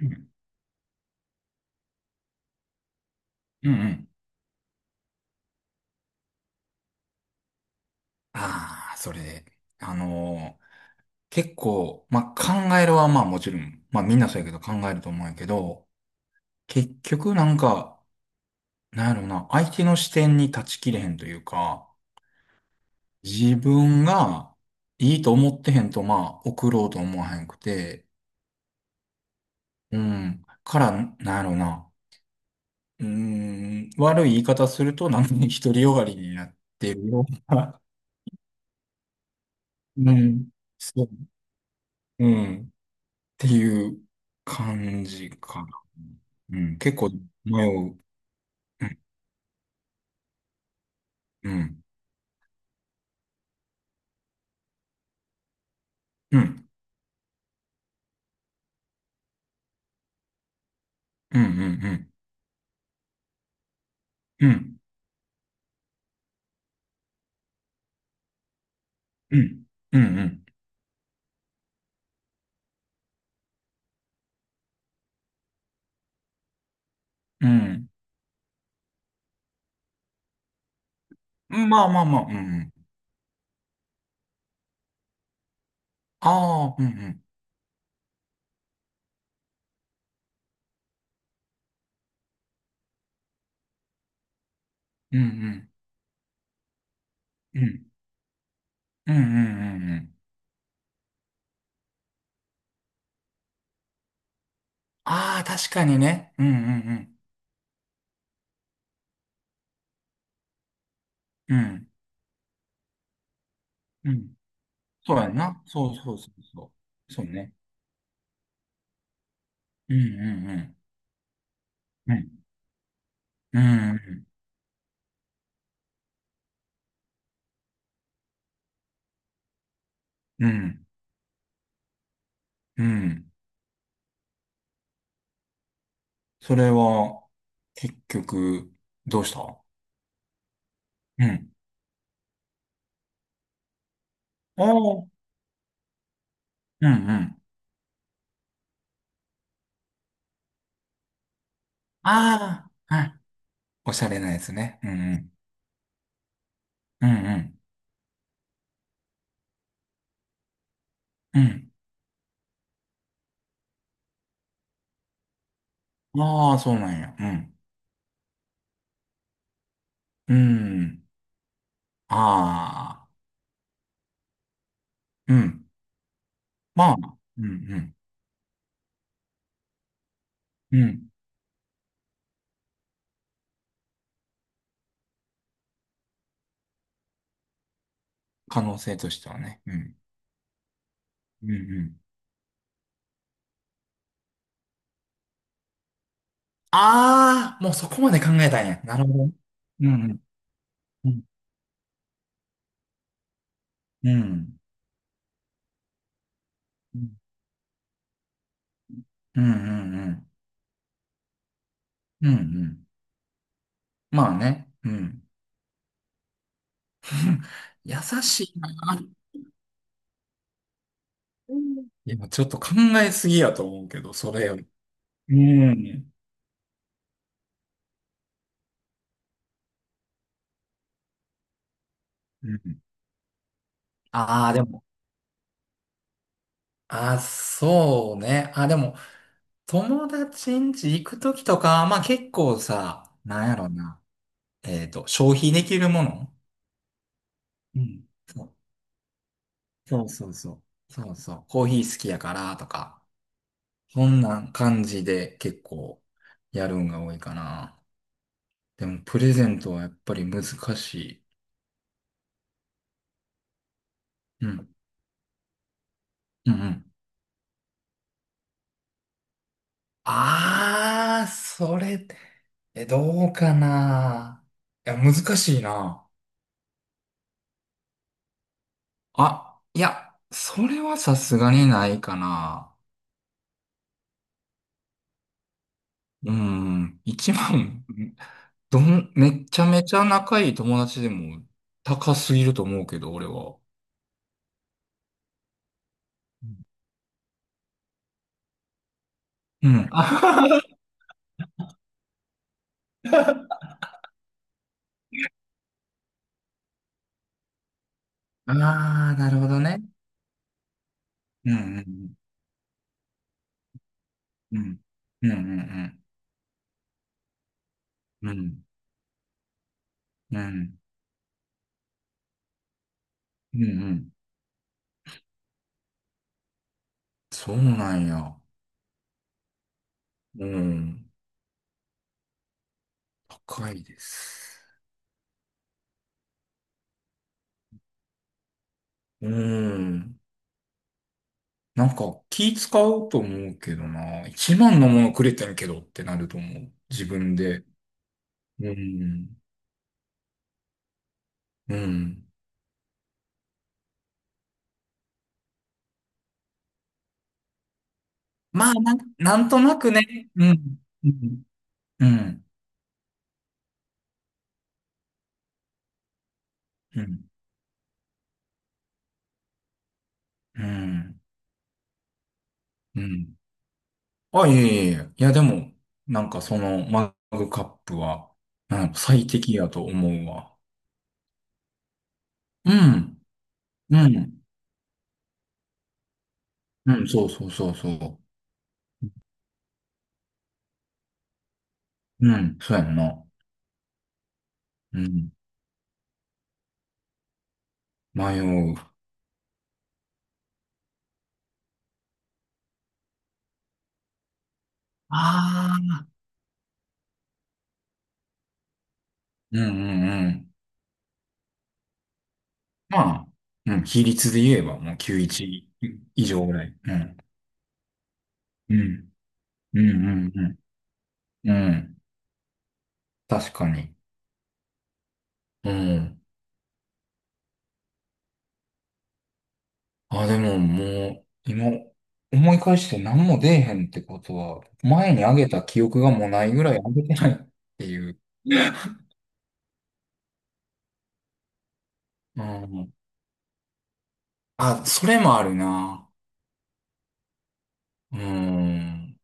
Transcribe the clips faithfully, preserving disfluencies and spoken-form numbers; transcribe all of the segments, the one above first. うんうんうん。ああ、それで、あのー結構、まあ、考えるはまあもちろん、まあみんなそうやけど考えると思うんやけど、結局なんか、なんやろな、相手の視点に立ちきれへんというか、自分がいいと思ってへんとまあ送ろうと思わへんくて、うん、から、なんやろな、うーん、悪い言い方するとなんか独りよがりになってるような、うん、そう、うん。ていう感じかな。うん、結構迷う。うん、うん、うん、うん、うん、うん、うん、うん、うん、うん、うんまあまあまあ、うん、うん。ああ、うん、うん、うん、うん、うん、うん、うん、うん。ああ、確かにね。うん、うん、うん、うん、うん。そうやんな。そうそうそうそう。そうね。うん、うん、うん、うん、うん、うん、うん。うんそれは、結局、どうした？うん。ああ、うんうん。ああ、はい。おしゃれなやつね。うんうん。うんうん。うん。ああ、そうなんや。うん。うん。ああ、うん。まあ、うんうん。うん。可能性としてはね。うん。うんうん。ああ、もうそこまで考えたんや。なるほど。うんうん。うん。うん。うんうんうん。うんうん。まあね。うん。優しいな。うんいや、ちょっと考えすぎやと思うけど、それより。うん。うんああ、でも、あー、そうね。あー、でも、友達ん家行くときとか、まあ結構さ、なんやろな。えっと、消費できるものうん。そうそうそうそう。そうそう。コーヒー好きやからとか、そんな感じで結構やるんが多いかな。でも、プレゼントはやっぱり難しい。うん。うんうん。ああ、それ、え、どうかな。いや、難しいな。あ、いや、それはさすがにないかな。うん、一万、どん、めちゃめちゃ仲いい友達でも高すぎると思うけど、俺は。うん。あ、あー、なるほどね。うん、うん、うん、うん、うん、うん、うん、うん、うん、うんそうなんや。うん、高いです。うん。なんか気使うと思うけどな。一番のものくれてんけどってなると思う。自分で。うん。うん。まあ、なん、なんとなくね。うん。うん。うん。うん。うん。うんあ、いえいえいえ。いや、でも、なんかそのマグカップは、うん最適やと思うわ。うん。うん。うん。そうそうそうそう。うん。そうやんな。うん。迷う。ああ。うんうんうん。まあ、うん、比率で言えばもうきゅうじゅういち以上ぐらい。うん。うん。うん、うん、うん。うん。確かに。うん。あ、でももう、今、思い返して何も出えへんってことは、前にあげた記憶がもうないぐらいあげてないっていう。うん。あ、それもあるな。うん。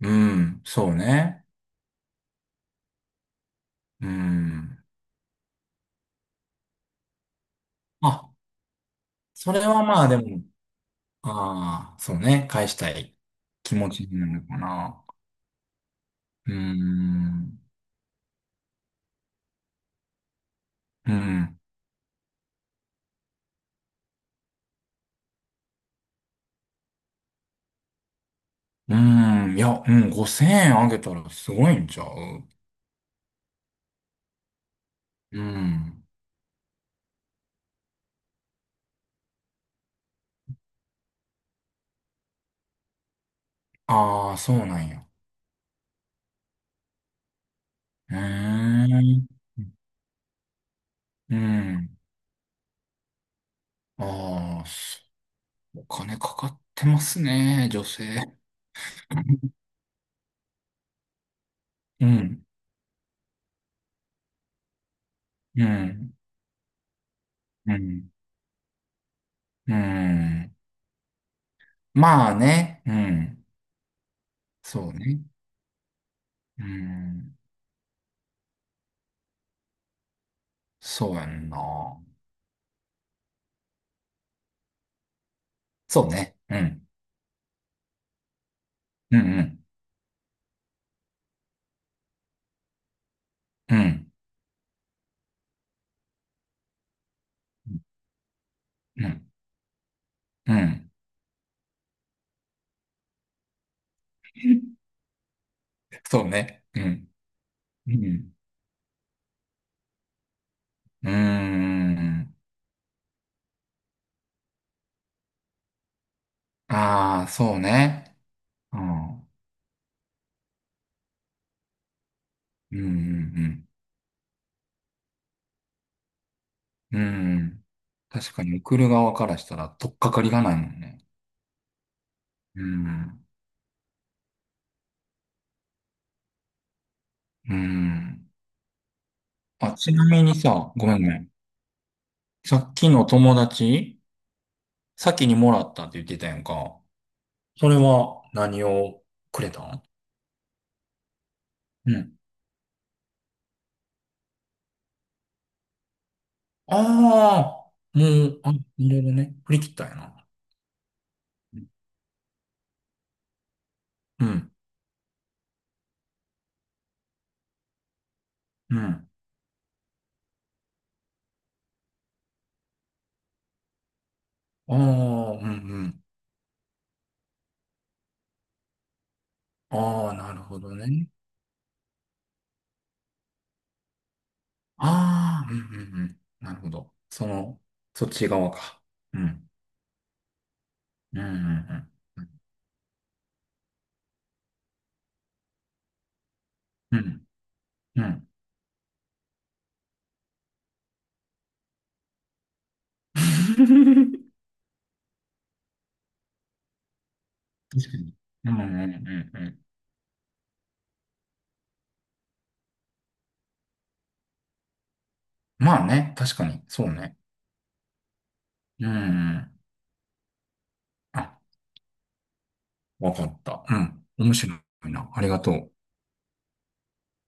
うん。そうね。うん。あ、それはまあでも、ああ、そうね。返したい気持ちになるかな。うーん。うん。うん。いや、うん。ごせんえんあげたらすごいんちゃう？うん。ああ、そうなんや。うーん。うん。ああ、そうお金かかってますね、女性。うん。うん。うん。うん。まあね。うん。そうね。うん。そうやんな。そうね。うん。うんうん。うん。うん。うん。そうね。うん。うん。うーん。ああ、そうね。うん。うんうんうん。うん。確かに送る側からしたら取っかかりがないもんね。うん。うん。あ、ちなみにさ、ごめんごめん。さっきの友達、先にもらったって言ってたやんか。それは何をくれたん？うん。ああ、もう、あ、いろいろね。振り切ったんやな。うん。うん。ああ、うんうん。ああ、なるほどね。ああ、うんうんうん。なるほど。その、そっち側か。うん。うんうんうん。うん。うん。確かに。うんうんうんうん。まあね、確かに。そうね。うんうん。あ、わかった。うん。面白いな。ありがとう。